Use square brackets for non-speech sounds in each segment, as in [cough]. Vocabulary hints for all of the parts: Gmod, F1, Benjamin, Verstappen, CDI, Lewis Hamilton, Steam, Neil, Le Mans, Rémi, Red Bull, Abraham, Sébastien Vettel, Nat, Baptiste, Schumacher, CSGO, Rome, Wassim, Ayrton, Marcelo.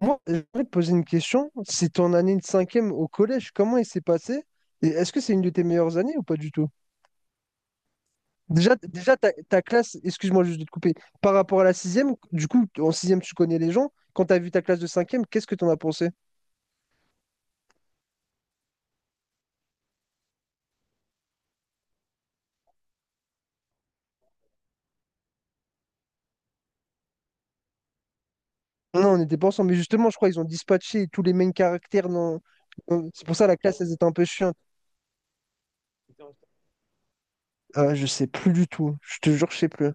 Moi, j'aimerais te poser une question. C'est ton année de cinquième au collège, comment il s'est passé? Et est-ce que c'est une de tes meilleures années ou pas du tout? Déjà ta classe, excuse-moi juste de te couper, par rapport à la sixième, du coup, en sixième, tu connais les gens. Quand tu as vu ta classe de cinquième, qu'est-ce que tu en as pensé? Non, on n'était pas ensemble, mais justement, je crois qu'ils ont dispatché tous les mêmes caractères. C'est pour ça la classe, elle était un peu chiante. Je sais plus du tout. Je te jure, je sais plus.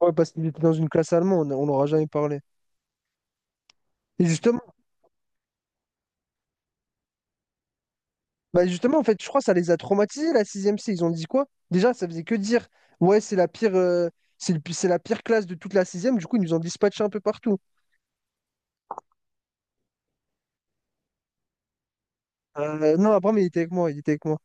Ouais, parce qu'il était dans une classe allemande, on n'aura jamais parlé. Et justement, bah justement, en fait, je crois que ça les a traumatisés, la sixième C. Ils ont dit quoi? Déjà, ça faisait que dire, ouais, c'est la pire, c'est la pire classe de toute la sixième. Du coup, ils nous ont dispatché un peu partout. Non, Abraham, il était avec moi, il était avec moi.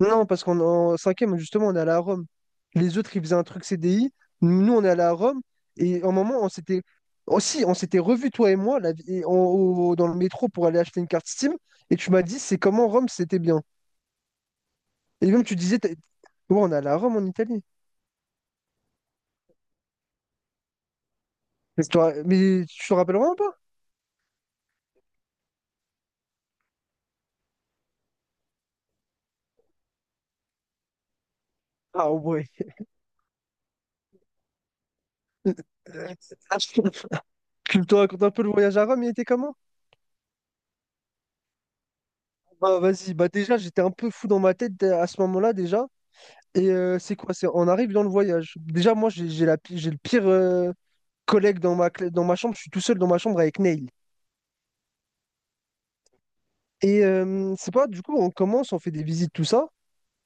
Non, parce qu'en en 5 justement, on est allé à Rome. Les autres, ils faisaient un truc CDI. Nous, on est allé à Rome. Et en moment, on s'était... Aussi, on s'était revus, toi et moi, dans le métro pour aller acheter une carte Steam. Et tu m'as dit, c'est comment Rome, c'était bien. Et même, tu disais, ouais, on est allé à Rome en Italie. Mais tu te rappelles vraiment? Ah ouais. [laughs] Tu me te racontes un peu le voyage à Rome, il était comment? Bah vas-y, bah déjà j'étais un peu fou dans ma tête à ce moment-là déjà. Et c'est quoi? C'est on arrive dans le voyage. Déjà moi j'ai j'ai le pire collègue dans dans ma chambre. Je suis tout seul dans ma chambre avec Neil. Et c'est pas du coup on commence, on fait des visites tout ça.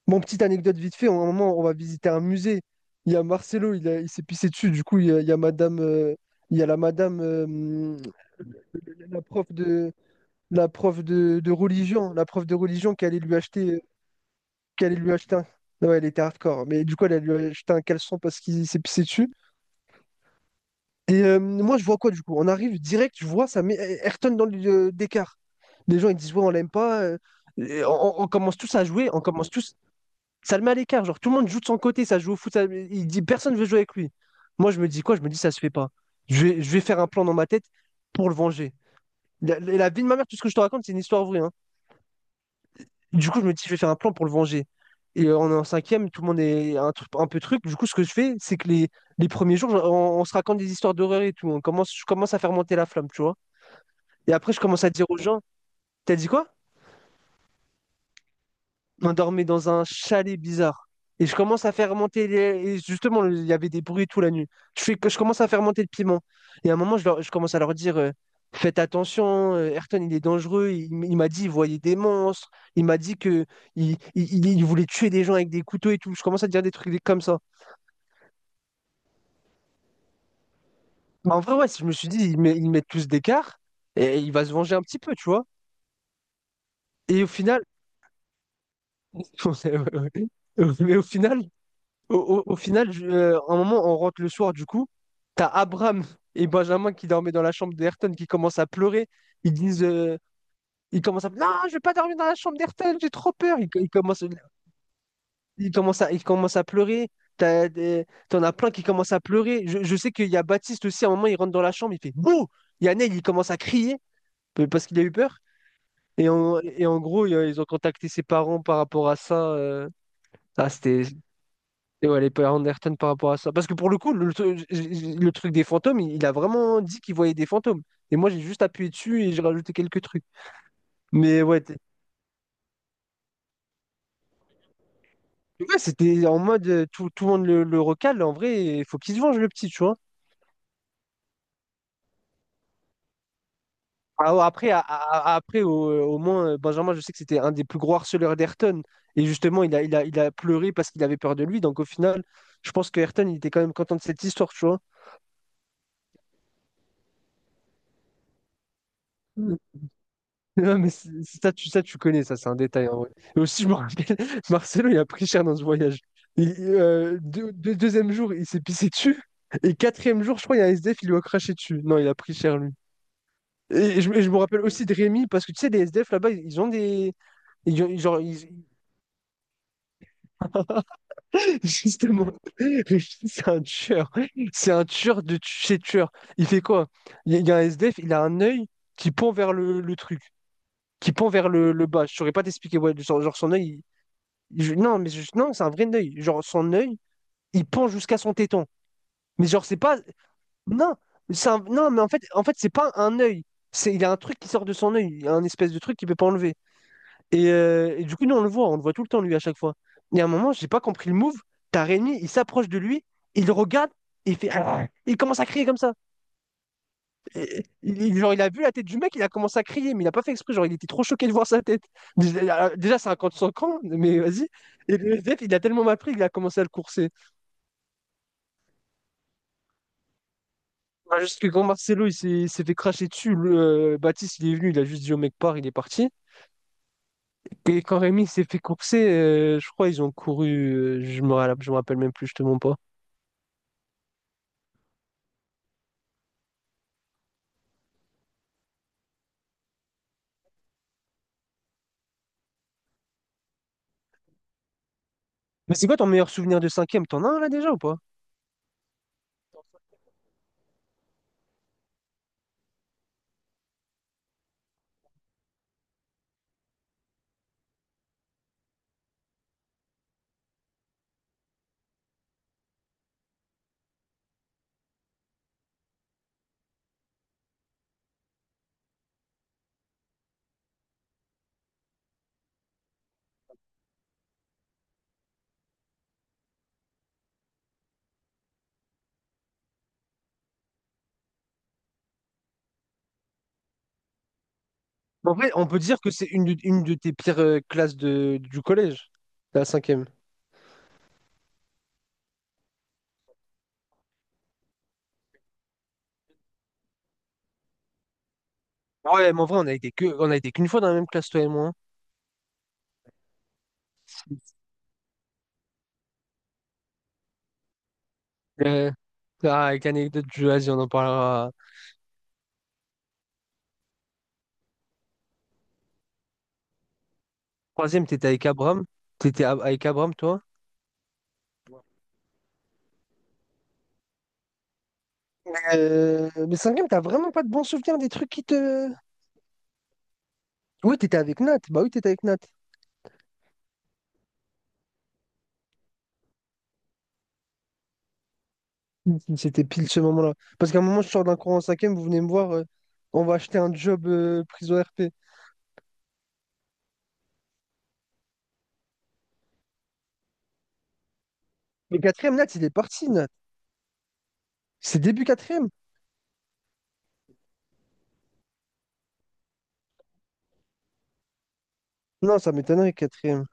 Bon, petite anecdote vite fait. À un moment on va visiter un musée. Il y a Marcelo, il s'est pissé dessus. Du coup il y a Madame, il y a la Madame, la prof de la prof de religion, la prof de religion qui allait lui acheter qui allait lui acheter un... Ouais, elle était hardcore, mais du coup, elle allait lui acheter un caleçon parce qu'il s'est pissé dessus. Et moi, je vois quoi du coup? On arrive direct, je vois, ça met Ayrton dans le d'écart. Les gens, ils disent, ouais, on l'aime pas. On commence tous à jouer, on commence tous. Ça le met à l'écart, genre tout le monde joue de son côté, ça joue au foot, il dit personne veut jouer avec lui. Moi, je me dis quoi? Je me dis, ça se fait pas. Je vais faire un plan dans ma tête pour le venger. La vie de ma mère, tout ce que je te raconte, c'est une histoire vraie, hein. Du coup, je me dis, je vais faire un plan pour le venger. Et on est en cinquième, tout le monde est un peu truc. Du coup, ce que je fais, c'est que les premiers jours, on se raconte des histoires d'horreur et tout. Je commence à faire monter la flamme, tu vois. Et après, je commence à dire aux gens, t'as dit quoi? On dormait dans un chalet bizarre. Et je commence à faire monter les... Et justement, il y avait des bruits toute la nuit. Je commence à faire monter le piment. Et à un moment, je commence à leur dire, faites attention, Ayrton, il est dangereux. Il m'a dit, il voyait des monstres. Il m'a dit que il voulait tuer des gens avec des couteaux et tout. Je commence à dire des trucs comme ça. Mais en vrai, ouais, je me suis dit, ils mettent tous d'écart et il va se venger un petit peu, tu vois. Et au final, [laughs] ouais, ouais, ouais, mais au final, Au, au final, à un moment, on rentre le soir, du coup, t'as Abraham et Benjamin qui dormaient dans la chambre d'Ayrton qui commencent à pleurer. Ils disent, non, je vais pas dormir dans la chambre d'Ayrton, j'ai trop peur. Ils commencent à pleurer. T'en as plein qui commencent à pleurer. Je sais qu'il y a Baptiste aussi, à un moment, il rentre dans la chambre, il fait bouh! Il y a Neil, il commence à crier parce qu'il a eu peur. Et en gros, ils ont contacté ses parents par rapport à ça, euh. Ah, c'était, Et ouais, les Pamela Anderson par rapport à ça. Parce que pour le coup, le truc des fantômes, il a vraiment dit qu'il voyait des fantômes. Et moi, j'ai juste appuyé dessus et j'ai rajouté quelques trucs. Mais ouais, ouais, c'était en mode tout le monde le recale. En vrai, il faut qu'il se venge, le petit, tu vois. Ah ouais, après, après au moins, Benjamin, je sais que c'était un des plus gros harceleurs d'Ayrton. Et justement, il a pleuré parce qu'il avait peur de lui. Donc au final, je pense que Ayrton, il était quand même content de cette histoire, tu vois. Non, mais ça, ça, tu connais, ça, c'est un détail en vrai. Et aussi, je me rappelle, [laughs] Marcelo, il a pris cher dans ce voyage. Deuxième jour, il s'est pissé dessus. Et quatrième jour, je crois, il y a un SDF, il lui a craché dessus. Non, il a pris cher, lui. Et je me rappelle aussi de Rémi, parce que tu sais, les SDF là-bas, ils ont des. Ils ont- genre, [laughs] justement, Rémi, c'est un tueur. C'est un tueur de chez tueur. Il fait quoi? Il y a un SDF, il a un œil qui pend vers le truc, qui pend vers le bas. Je saurais pas t'expliquer, ouais, genre, son œil... Non, mais non, c'est un vrai œil. Genre, son œil, il pend jusqu'à son téton. Mais genre, c'est pas. Non, non, mais en fait, c'est pas un œil. C'est, il y a un truc qui sort de son œil, il y a un espèce de truc qu'il peut pas enlever. Et du coup, nous, on le voit tout le temps, lui, à chaque fois. Et à un moment, j'ai pas compris le move. T'as Rémi, il s'approche de lui, il le regarde, et il fait. Il commence à crier comme ça. Il, genre, il a vu la tête du mec, il a commencé à crier, mais il a pas fait exprès. Genre, il était trop choqué de voir sa tête. Déjà, c'est un camp de son camp, mais vas-y. Et le SDF, il a tellement mal pris qu'il a commencé à le courser. Bah, juste que quand Marcelo il s'est fait cracher dessus, Baptiste il est venu, il a juste dit au mec pars, il est parti. Et quand Rémi il s'est fait courser, je crois ils ont couru, je me rappelle même plus, je te mens pas. Mais c'est quoi ton meilleur souvenir de cinquième? T'en as un là déjà ou pas? En vrai, on peut dire que c'est une de tes pires classes du collège, la cinquième. Ah ouais, mais en vrai, on a été qu'une fois dans la même classe, toi et moi, hein. Euh, ah, avec l'anecdote du vas on en parlera. Troisième, t'étais avec Abram? Avec Abram, toi. Mais cinquième, t'as vraiment pas de bons souvenirs des trucs qui te... Oui, t'étais avec Nat. Bah oui, t'étais avec Nat. C'était pile ce moment-là. Parce qu'à un moment, je sors d'un cours en cinquième, vous venez me voir, on va acheter un job prison RP. Mais quatrième, Nat, il est parti, Nat. C'est début quatrième. Non, ça m'étonnerait, quatrième.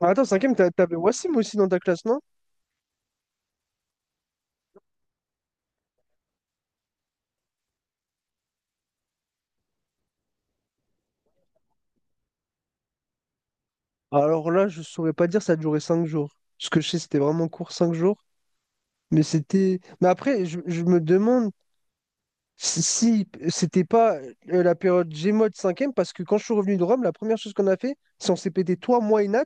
Ah, attends, cinquième, t'avais Wassim aussi dans ta classe, non? Alors là, je saurais pas dire, ça a duré cinq jours. Ce que je sais, c'était vraiment court, cinq jours. Mais c'était. Mais après, je me demande. Si, si, c'était pas la période Gmod 5e, parce que quand je suis revenu de Rome, la première chose qu'on a fait, c'est on s'est pété toi, moi et Nat,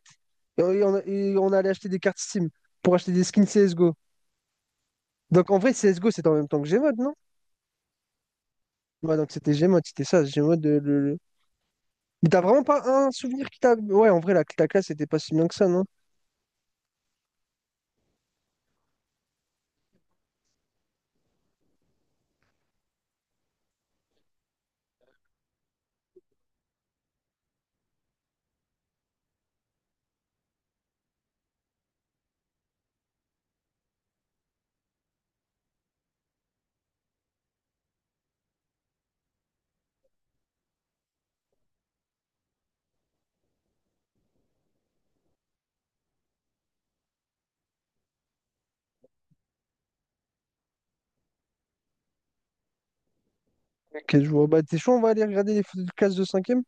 et on allait acheter des cartes Steam pour acheter des skins CSGO. Donc en vrai, CSGO, c'était en même temps que Gmod, non? Ouais, donc c'était Gmod, c'était ça, Gmod. Mais t'as vraiment pas un souvenir qui t'a... Ouais, en vrai, la classe était pas si bien que ça, non? Ok, je vois. Bah, t'es chaud, on va aller regarder les photos de classe de 5e?